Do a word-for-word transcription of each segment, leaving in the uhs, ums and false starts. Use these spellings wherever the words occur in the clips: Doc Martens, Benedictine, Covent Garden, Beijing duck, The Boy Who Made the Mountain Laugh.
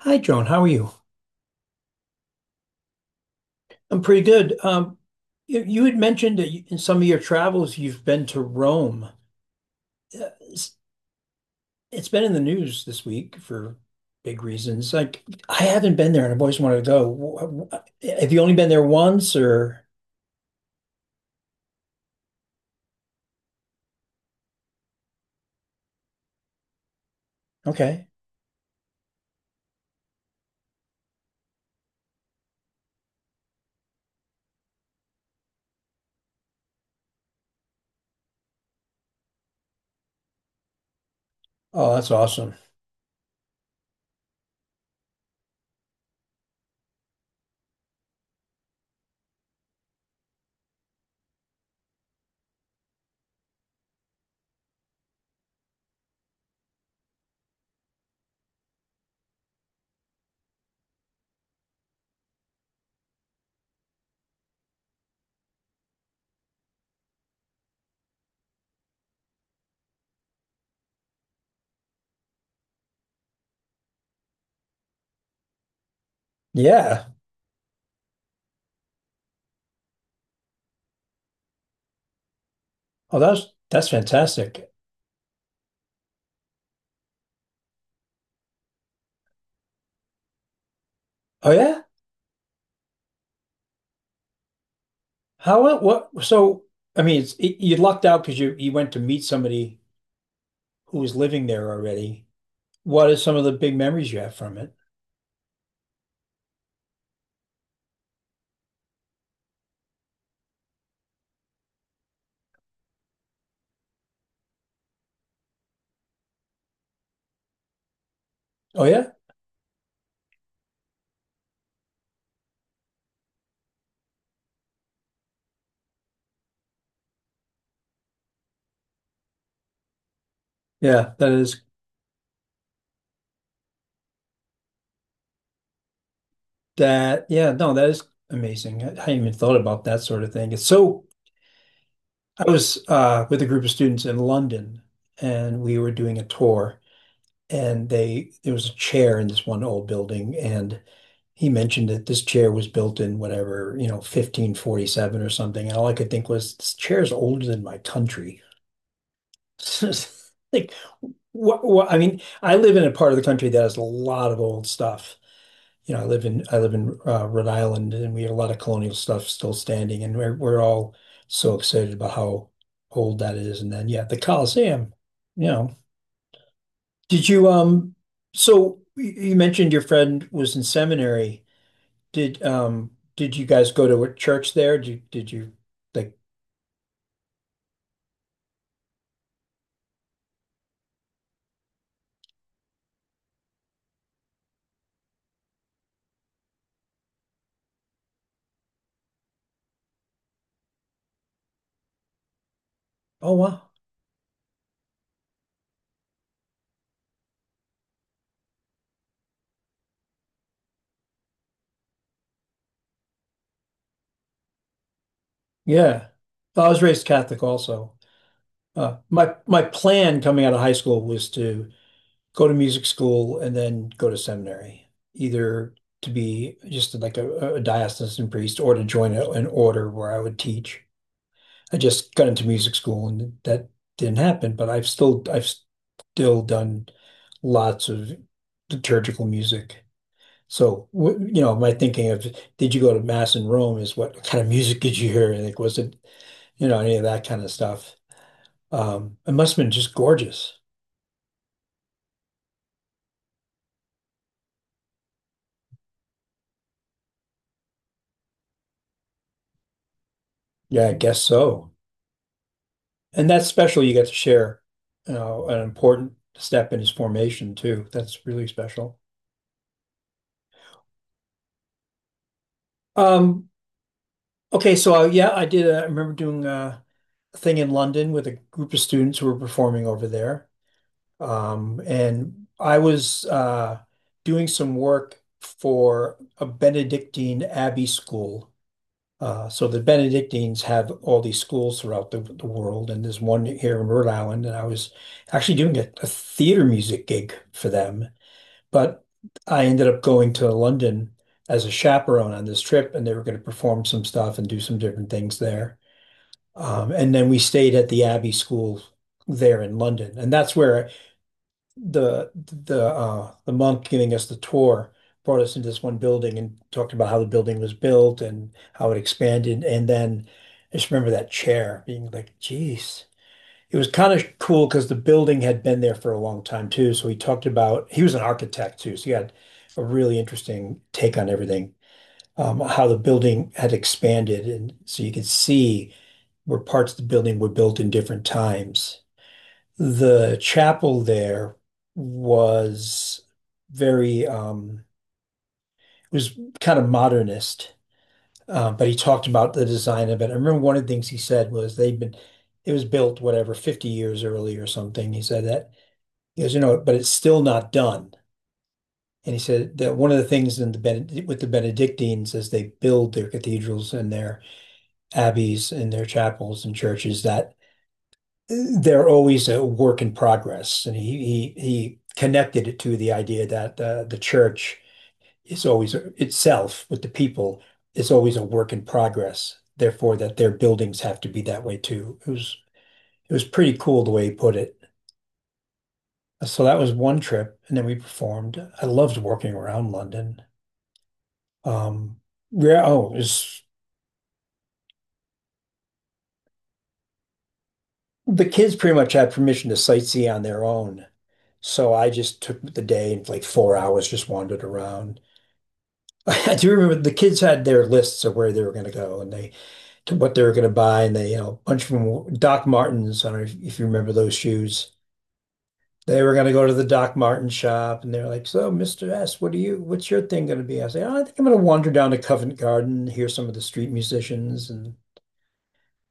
Hi, Joan. How are you? I'm pretty good. Um, you, you had mentioned that you, in some of your travels you've been to Rome. Uh, It's, it's been in the news this week for big reasons. Like I haven't been there, and I've always wanted to go. Wh- wh- Have you only been there once, or? Okay. Oh, that's awesome. Yeah. Oh, that's that's fantastic. Oh yeah. How uh, what? So I mean, it's, it, you lucked out because you you went to meet somebody who was living there already. What are some of the big memories you have from it? Oh yeah. Yeah, that is that. Yeah, no, that is amazing. I I hadn't even thought about that sort of thing. It's so I was uh, with a group of students in London, and we were doing a tour, and they there was a chair in this one old building, and he mentioned that this chair was built in whatever, you know, fifteen forty-seven or something, and all I could think was this chair is older than my country. Like, what, what? I mean, I live in a part of the country that has a lot of old stuff. You know, I live in I live in uh, Rhode Island, and we have a lot of colonial stuff still standing, and we're we're all so excited about how old that is. And then, yeah, the Coliseum. You know. Did you um? So you you mentioned your friend was in seminary. Did um? Did you guys go to a church there? Did you, did you like? Oh wow, yeah. Well, I was raised Catholic also. Uh, my my plan coming out of high school was to go to music school and then go to seminary, either to be just like a, a diocesan priest or to join a, an order where I would teach. I just got into music school and that didn't happen, but I've still I've still done lots of liturgical music. So, wh- you know, my thinking of did you go to mass in Rome is what kind of music did you hear? Like, was it, you know, any of that kind of stuff? Um, it must have been just gorgeous. Yeah, I guess so. And that's special you get to share, you an important step in his formation too. That's really special. Um, okay, so uh, yeah, I did. Uh, I remember doing uh, a thing in London with a group of students who were performing over there, um, and I was uh, doing some work for a Benedictine abbey school. Uh, so the Benedictines have all these schools throughout the, the world, and there's one here in Rhode Island, and I was actually doing a, a theater music gig for them. But I ended up going to London as a chaperone on this trip, and they were going to perform some stuff and do some different things there. Um, and then we stayed at the Abbey School there in London, and that's where the the uh, the monk giving us the tour brought us into this one building and talked about how the building was built and how it expanded. And then I just remember that chair being like, "Geez." It was kind of cool because the building had been there for a long time too. So he talked about he was an architect too, so he had a really interesting take on everything, um, how the building had expanded, and so you could see where parts of the building were built in different times. The chapel there was very. Um, it was kind of modernist, uh, but he talked about the design of it. I remember one of the things he said was they'd been it was built whatever fifty years early or something. He said that. He goes, you know, but it's still not done. And he said that one of the things in the Bened with the Benedictines as they build their cathedrals and their abbeys and their chapels and churches that they're always a work in progress. And he he he connected it to the idea that uh, the church is always itself with the people is always a work in progress. Therefore, that their buildings have to be that way too. It was it was pretty cool the way he put it. So that was one trip, and then we performed. I loved working around London. Um, yeah, oh, it's, the kids pretty much had permission to sightsee on their own. So I just took the day and like four hours just wandered around. I do remember the kids had their lists of where they were going to go and they to what they were going to buy and they you know a bunch of them Doc Martens. I don't know if, if you remember those shoes. They were going to go to the Doc Marten shop and they are like, "So, Mister S, what do you what's your thing going to be?" I say, "Oh, I think I'm going to wander down to Covent Garden, hear some of the street musicians and."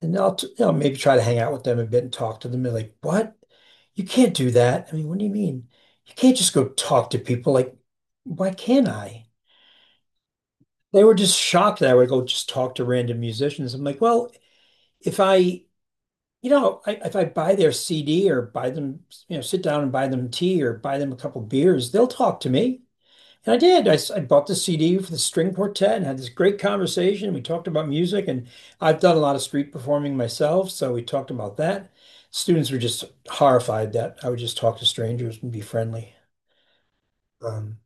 And I'll, t- you know, maybe try to hang out with them a bit and talk to them. They're like, what? You can't do that. I mean, what do you mean? You can't just go talk to people. Like, why can't I? They were just shocked that I would go just talk to random musicians. I'm like, well, if I, you know, I, if I buy their C D or buy them, you know, sit down and buy them tea or buy them a couple beers, they'll talk to me. And I did. I, s- I bought the C D for the string quartet and had this great conversation. We talked about music, and I've done a lot of street performing myself, so we talked about that. Students were just horrified that I would just talk to strangers and be friendly. Um,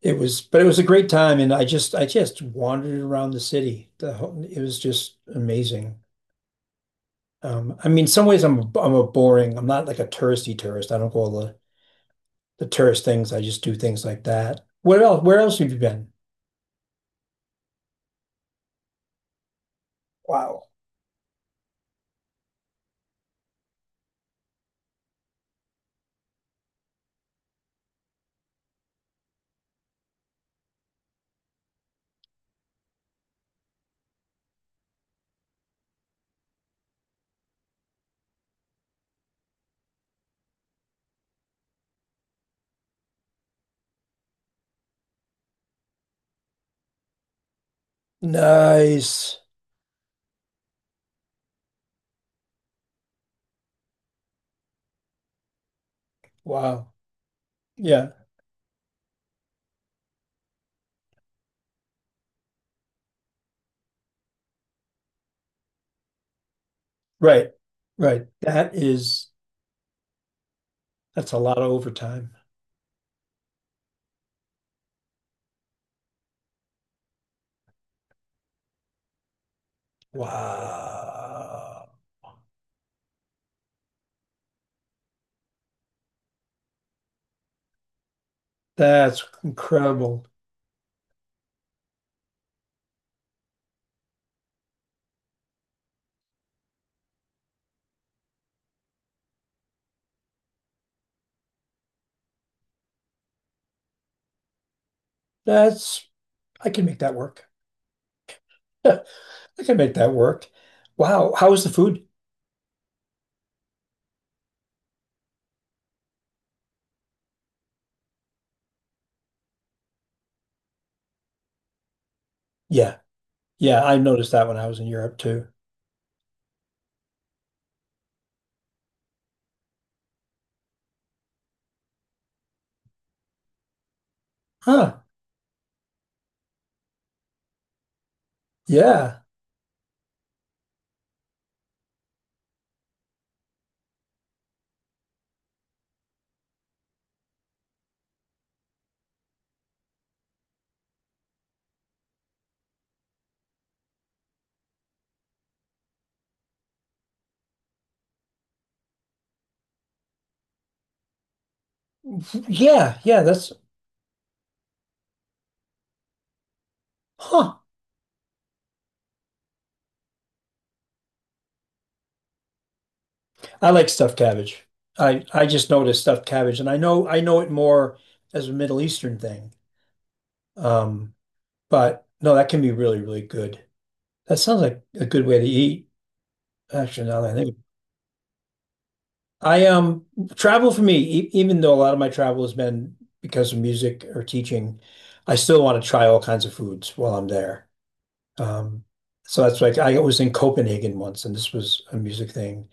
it was, but it was a great time, and I just, I just wandered around the city. The whole, it was just amazing. Um, I mean, in some ways, I'm, a- I'm a boring. I'm not like a touristy tourist. I don't go all the the tourist things. I just do things like that. Where else? Where else have you been? Wow. Nice. Wow. Yeah. Right. Right. That is, that's a lot of overtime. Wow. That's incredible. That's, I can make that work. I can make that work. Wow. How was the food? Yeah. Yeah. I noticed that when I was in Europe too. Huh. Yeah. Yeah. Yeah. That's, huh. I like stuffed cabbage. I, I just noticed stuffed cabbage and I know, I know it more as a Middle Eastern thing. Um, but no, that can be really, really good. That sounds like a good way to eat, actually, now that I think of it. I um travel for me, e even though a lot of my travel has been because of music or teaching, I still want to try all kinds of foods while I'm there. Um, so that's like I was in Copenhagen once, and this was a music thing,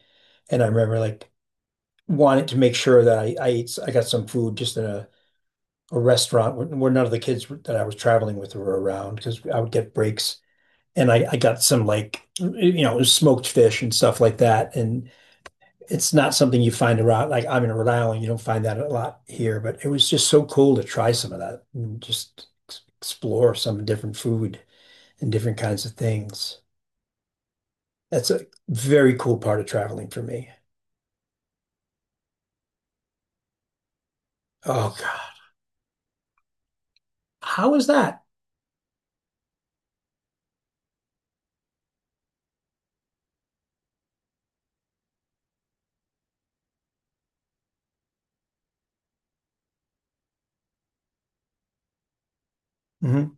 and I remember like wanting to make sure that I I ate, s- I got some food just in a, a restaurant where, where none of the kids that I was traveling with were around because I would get breaks, and I I got some like you know smoked fish and stuff like that, and it's not something you find around. Like I'm in Rhode Island, you don't find that a lot here, but it was just so cool to try some of that and just ex- explore some different food and different kinds of things. That's a very cool part of traveling for me. Oh God, how is that? Hmm.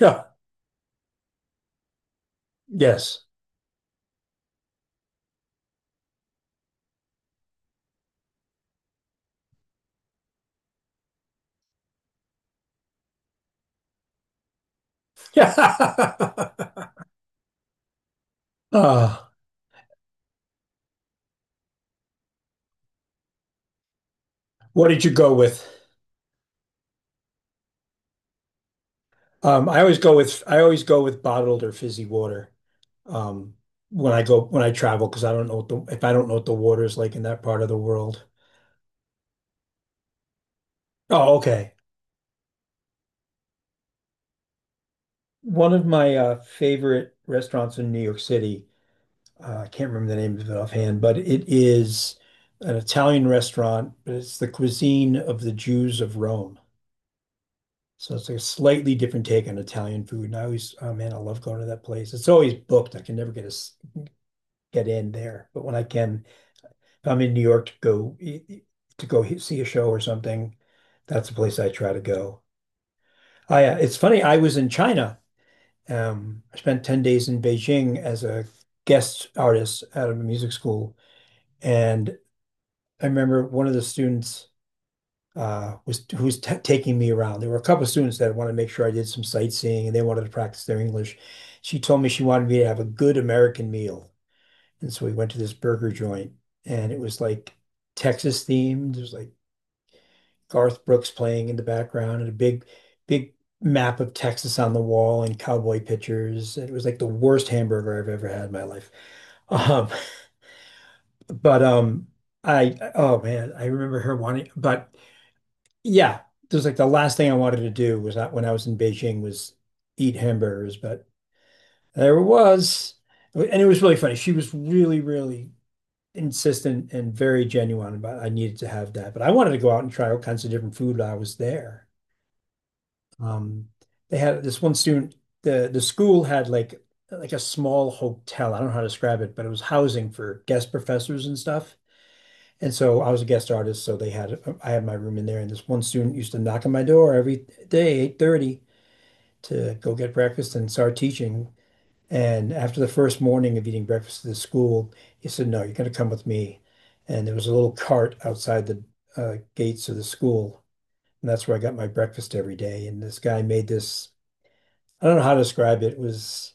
Yeah. Yes. Yeah. Uh, what did you go with? Um, I always go with I always go with bottled or fizzy water. Um, when I go when I travel because I don't know what the if I don't know what the water is like in that part of the world. Oh, okay. One of my uh, favorite restaurants in New York City, uh, I can't remember the name of it offhand, but it is an Italian restaurant, but it's the cuisine of the Jews of Rome. So it's like a slightly different take on Italian food. And I always, oh man, I love going to that place. It's always booked. I can never get a, s- get in there. But when I can, if I'm in New York to go e- e- to go he- see a show or something, that's the place I try to go. I, uh, it's funny, I was in China. Um, I spent ten days in Beijing as a guest artist at a music school. And I remember one of the students uh, was who's t taking me around. There were a couple of students that wanted to make sure I did some sightseeing and they wanted to practice their English. She told me she wanted me to have a good American meal. And so we went to this burger joint and it was like Texas themed. There's like Garth Brooks playing in the background and a big, big map of Texas on the wall and cowboy pictures. It was like the worst hamburger I've ever had in my life. Um, but um, I, oh man, I remember her wanting. But yeah, there's like the last thing I wanted to do was not when I was in Beijing was eat hamburgers, but there it was, and it was really funny. She was really, really insistent and very genuine about I needed to have that. But I wanted to go out and try all kinds of different food while I was there. Um, they had this one student, the the school had like like a small hotel. I don't know how to describe it, but it was housing for guest professors and stuff. And so I was a guest artist, so they had I had my room in there, and this one student used to knock on my door every day, eight thirty, to go get breakfast and start teaching. And after the first morning of eating breakfast at the school, he said, "No, you're going to come with me." And there was a little cart outside the uh, gates of the school, and that's where I got my breakfast every day. And this guy made this I don't know how to describe it. It was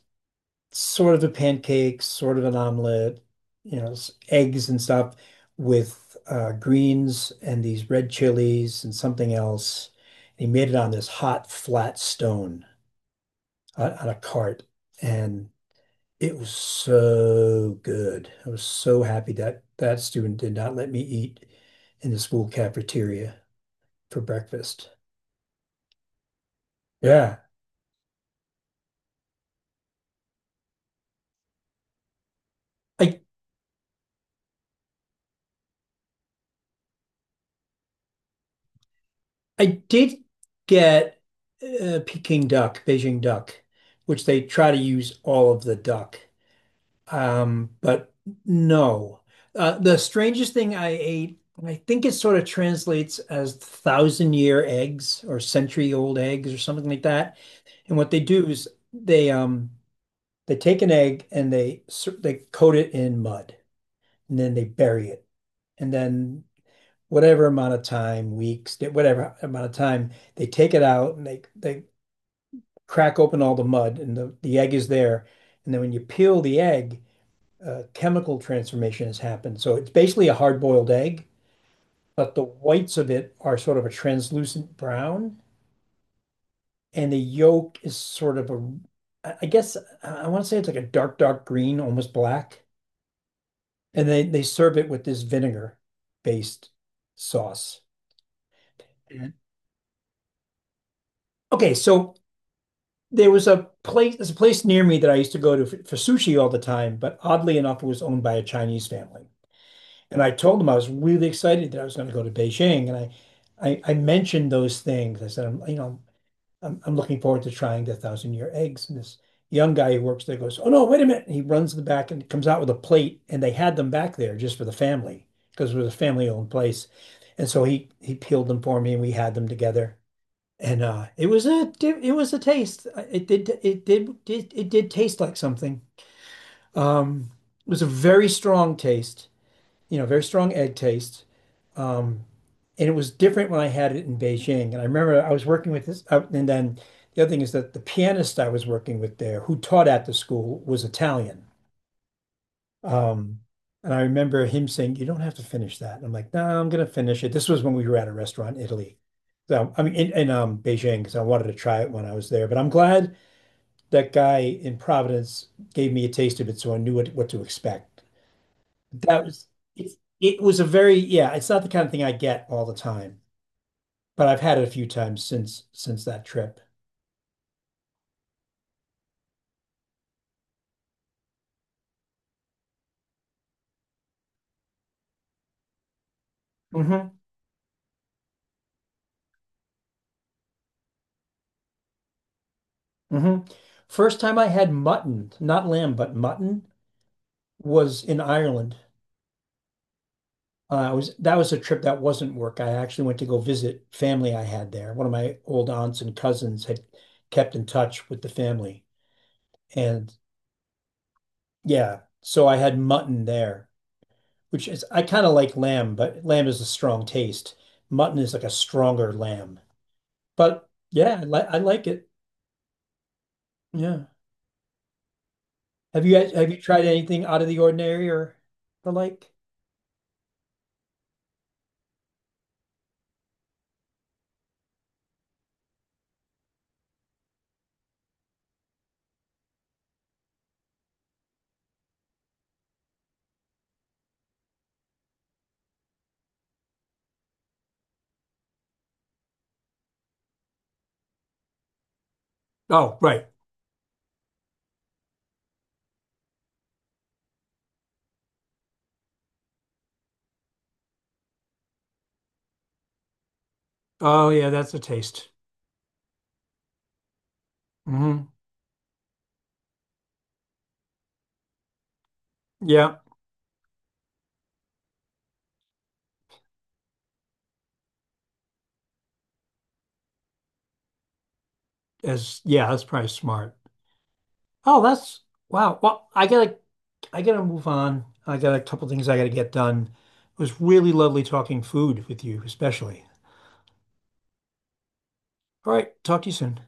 sort of a pancake, sort of an omelet, you know, s- eggs and stuff with uh, greens and these red chilies and something else. And he made it on this hot, flat stone on, on a cart. And it was so good. I was so happy that that student did not let me eat in the school cafeteria for breakfast. Yeah. I I did get uh, Peking duck, Beijing duck, which they try to use all of the duck. Um, but no. Uh, the strangest thing I ate, and I think it sort of translates as thousand year eggs or century old eggs or something like that. And what they do is they um they take an egg and they s- they coat it in mud and then they bury it. And then whatever amount of time, weeks, whatever amount of time, they take it out and they they crack open all the mud and the, the egg is there. And then when you peel the egg, uh, chemical transformation has happened. So it's basically a hard-boiled egg, but the whites of it are sort of a translucent brown, and the yolk is sort of a, I guess I want to say it's like a dark, dark green, almost black. And they they serve it with this vinegar-based sauce. Yeah. Okay, so there was a place, there's a place near me that I used to go to for, for sushi all the time, but oddly enough, it was owned by a Chinese family. And I told them I was really excited that I was going to go to Beijing, and I, I, I mentioned those things. I said, I'm, you know, I'm, I'm looking forward to trying the thousand year eggs. And this young guy who works there goes, "Oh no, wait a minute!" And he runs to the back and comes out with a plate, and they had them back there just for the family because it was a family-owned place. And so he he peeled them for me, and we had them together and uh, it was a it was a taste. Uh, It did it did did it did taste like something. Um, it was a very strong taste, you know, very strong egg taste. Um, and it was different when I had it in Beijing. And I remember I was working with this, uh, and then the other thing is that the pianist I was working with there, who taught at the school, was Italian. Um, and I remember him saying, "You don't have to finish that." And I'm like, "No, nah, I'm gonna finish it." This was when we were at a restaurant in Italy. So I mean, in, in um, Beijing, because I wanted to try it when I was there. But I'm glad that guy in Providence gave me a taste of it, so I knew what what to expect. That was it. It was a very yeah. It's not the kind of thing I get all the time, but I've had it a few times since since that trip. hmm hmm First time I had mutton, not lamb, but mutton, was in Ireland. Uh, I was That was a trip that wasn't work. I actually went to go visit family I had there. One of my old aunts and cousins had kept in touch with the family. And yeah, so I had mutton there, which is I kind of like lamb, but lamb is a strong taste. Mutton is like a stronger lamb. But yeah, I, li I like it. Yeah. Have you guys- have you tried anything out of the ordinary or the like? Oh, right. Oh, yeah, that's a taste. Hmm. Yeah, as yeah, that's probably smart. Oh, that's wow. Well, I gotta, I gotta move on. I got a couple things I gotta get done. It was really lovely talking food with you, especially. All right, talk to you soon.